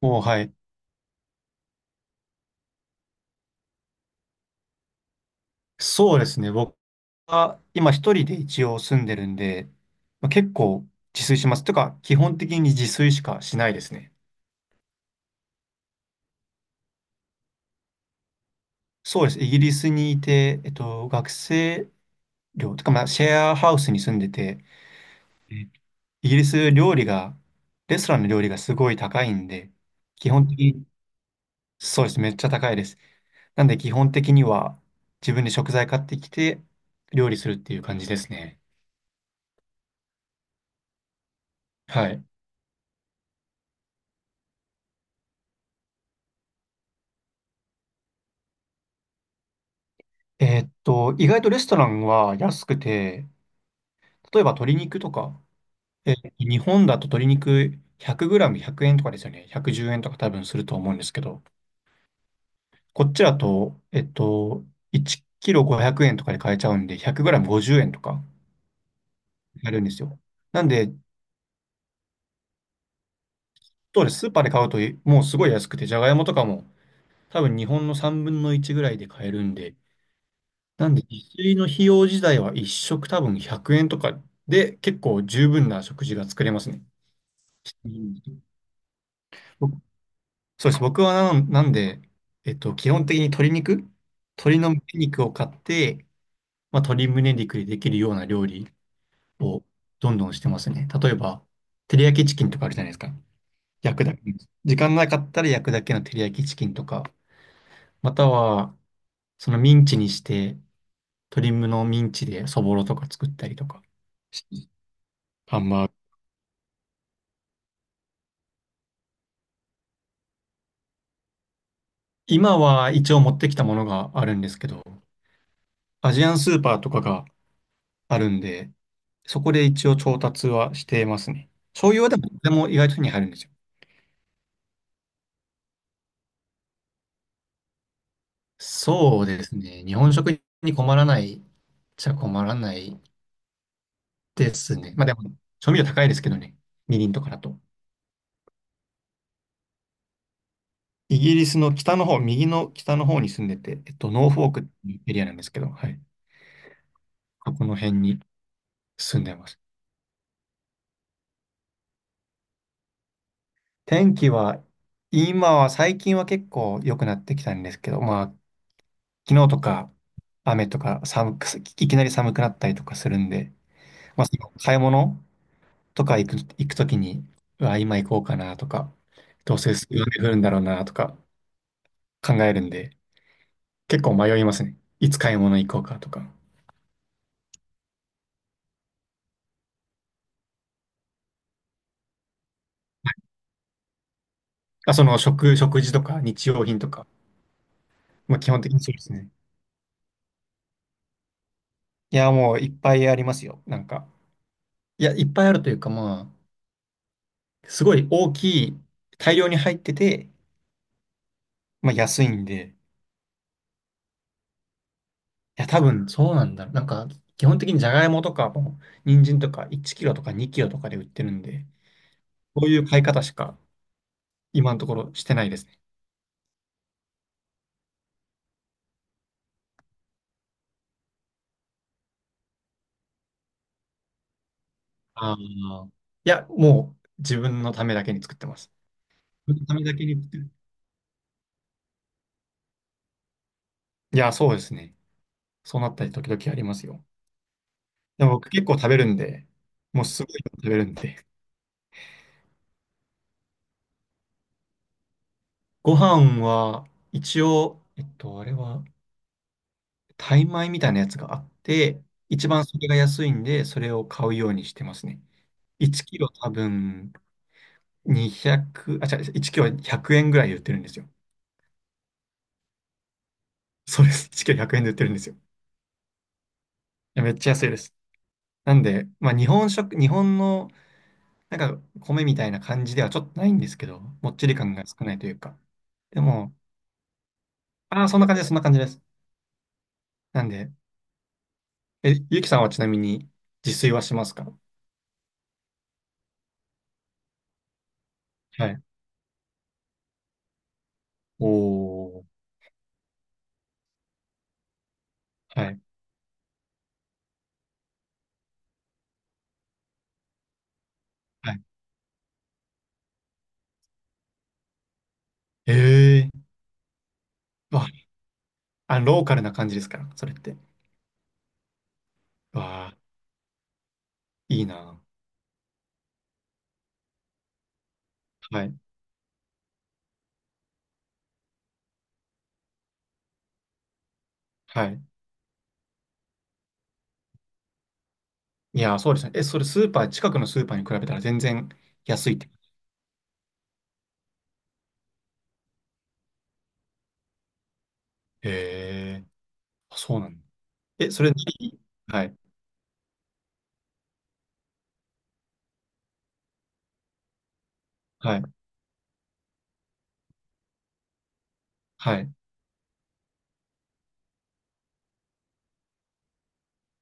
もう、はい。そうですね。僕は今一人で一応住んでるんで、まあ、結構自炊します。というか、基本的に自炊しかしないですね。そうです。イギリスにいて、学生寮とか、まあ、シェアハウスに住んでて、えイギリス料理が、レストランの料理がすごい高いんで、基本的に、そうです。めっちゃ高いです。なんで基本的には自分で食材買ってきて料理するっていう感じですね。はい。意外とレストランは安くて、例えば鶏肉とか、日本だと鶏肉 100g 100円とかですよね。110円とか多分すると思うんですけど、こっちだと、1キロ500円とかで買えちゃうんで、100g50 円とかやるんですよ。なんで、そうです。スーパーで買うともうすごい安くて、じゃがいもとかも多分日本の3分の1ぐらいで買えるんで、なんで自炊の費用自体は1食多分100円とかで結構十分な食事が作れますね。うん、僕、そうです。僕はなんで、基本的に鶏肉、鶏の胸肉を買って、まあ、鶏胸肉でできるような料理をどんどんしてますね。例えば、照り焼きチキンとかあるじゃないですか。焼くだけ。時間なかったら焼くだけの照り焼きチキンとか、または、そのミンチにして、鶏むのミンチでそぼろとか作ったりとかし。ハンバーグ。今は一応持ってきたものがあるんですけど、アジアンスーパーとかがあるんで、そこで一応調達はしていますね。醤油はでも意外と手に入るんですよ。そうですね。日本食に困らないっちゃ困らないですね。まあでも、調味料高いですけどね。みりんとかだと。イギリスの北の方、右の北の方に住んでて、ノーフォークっていうエリアなんですけど、はい。ここの辺に住んでます。天気は、今は、最近は結構良くなってきたんですけど、まあ、昨日とか雨とか寒く、いきなり寒くなったりとかするんで、まあ、その買い物とか行くときに、うわ、今行こうかなとか、どうせ雨降るんだろうなとか考えるんで、結構迷いますね。いつ買い物行こうかとか。あ、その食事とか日用品とか、まあ、基本的にそうですね。いや、もういっぱいありますよ。なんか、いや、いっぱいあるというか、まあ、すごい大きい、大量に入ってて、まあ、安いんで、いや、多分そうなんだろう。なんか、基本的にじゃがいもとかも、人参とか1キロとか2キロとかで売ってるんで、こういう買い方しか今のところしてないですね。ああ、いや、もう自分のためだけに作ってます。自分のためだけに作ってる。いや、そうですね。そうなったり時々ありますよ。でも僕結構食べるんで、もうすごい食べるんで。ご飯は一応、あれは、タイ米みたいなやつがあって、一番それが安いんで、それを買うようにしてますね。1キロ多分200、あ、違う、1キロ100円ぐらいで売ってるんですよ。そうです。1キロ100円で売ってるんですよ。いやめっちゃ安いです。なんで、まあ日本食、日本のなんか米みたいな感じではちょっとないんですけど、もっちり感が少ないというか。でも、ああ、そんな感じです、そんな感じです。なんで、え、ゆきさんはちなみに自炊はしますか？はい。おー、はい、はい。ええー、わ、あ、ローカルな感じですから、それって。わあ、いいな。はい、はい。いやー、そうですね。え、それスーパー、近くのスーパーに比べたら全然安いって。へー、あ、そうなんだ。え、それ何、はい、はい、はい。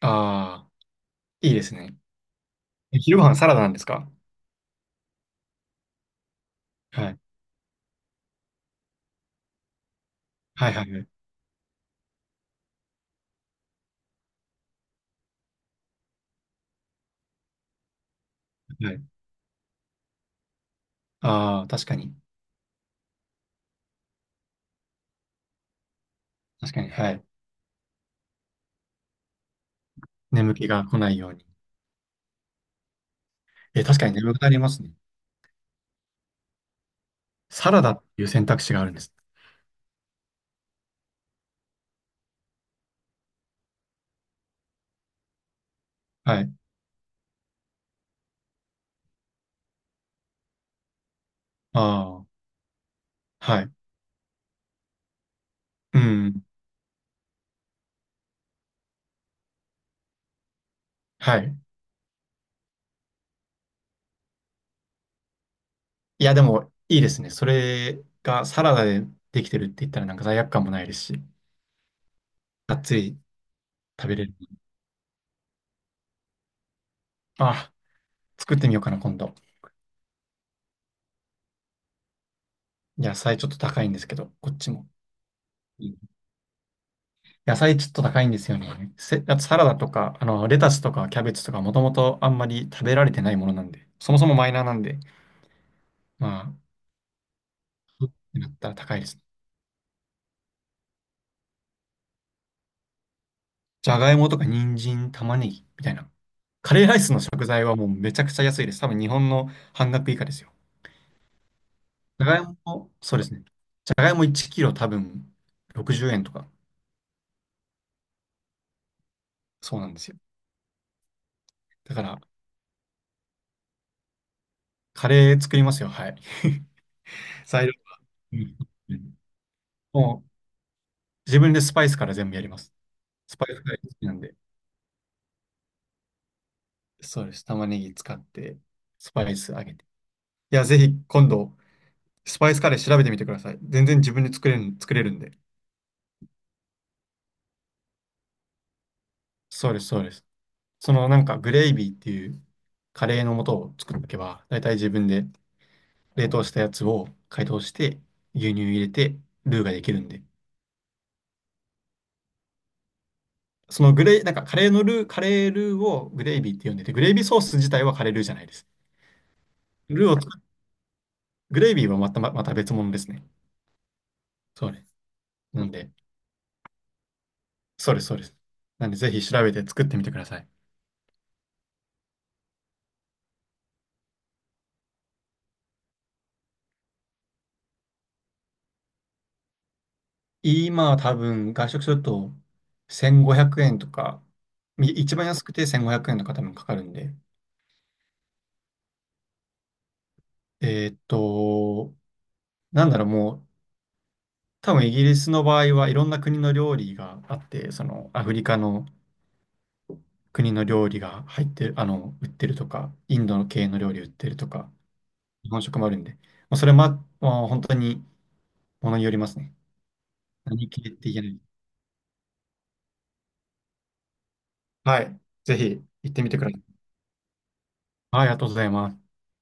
ああ、いいですね。え、昼ご飯サラダなんですか？はい、はい、はい、はい。はい、ああ、確かに。確かに、はい。眠気が来ないように。え、確かに眠くなりますね。サラダっていう選択肢があるんです。はい。ああ、はい。うん、はい。いや、でも、いいですね。それがサラダでできてるって言ったらなんか罪悪感もないですし、がっつり食べれる。あ、作ってみようかな、今度。野菜ちょっと高いんですけど、こっちも。うん、野菜ちょっと高いんですよね。あとサラダとか、あの、レタスとかキャベツとか、もともとあんまり食べられてないものなんで、そもそもマイナーなんで、まあ、ってなったら高いです。じゃがいもとか人参、玉ねぎみたいな。カレーライスの食材はもうめちゃくちゃ安いです。多分日本の半額以下ですよ。じゃがいも、そうですね。じゃがいも1キロ多分60円とか、そうなんですよ。だから、カレー作りますよ。はい。材料。うん、もう自分でスパイスから全部やります。スパイスが好きなんで。そうです。玉ねぎ使って、スパイスあげて。いや、ぜひ今度、スパイスカレー調べてみてください。全然自分で作れるんで。そうです、そうです。そのなんかグレイビーっていうカレーの素を作っとけば、だいたい自分で冷凍したやつを解凍して、牛乳入れて、ルーができるんで。そのグレイ、なんかカレールーをグレイビーって呼んでて、グレイビーソース自体はカレールーじゃないです。ルーを作グレイビーはまた、ままた別物ですね。そうです。なんで、そうです、そうです。なんで、ぜひ調べて作ってみてください。今は多分、外食すると1500円とか、一番安くて1500円とか多分かかるんで、えーっと、なんだろう、もう、多分イギリスの場合はいろんな国の料理があって、そのアフリカの国の料理が入ってる、売ってるとか、インドの系の料理売ってるとか、日本食もあるんで、まあ、それも、まあ、本当にものによりますね。何系って言えない。はい。ぜひ行ってみてください。はい、ありがとうございます。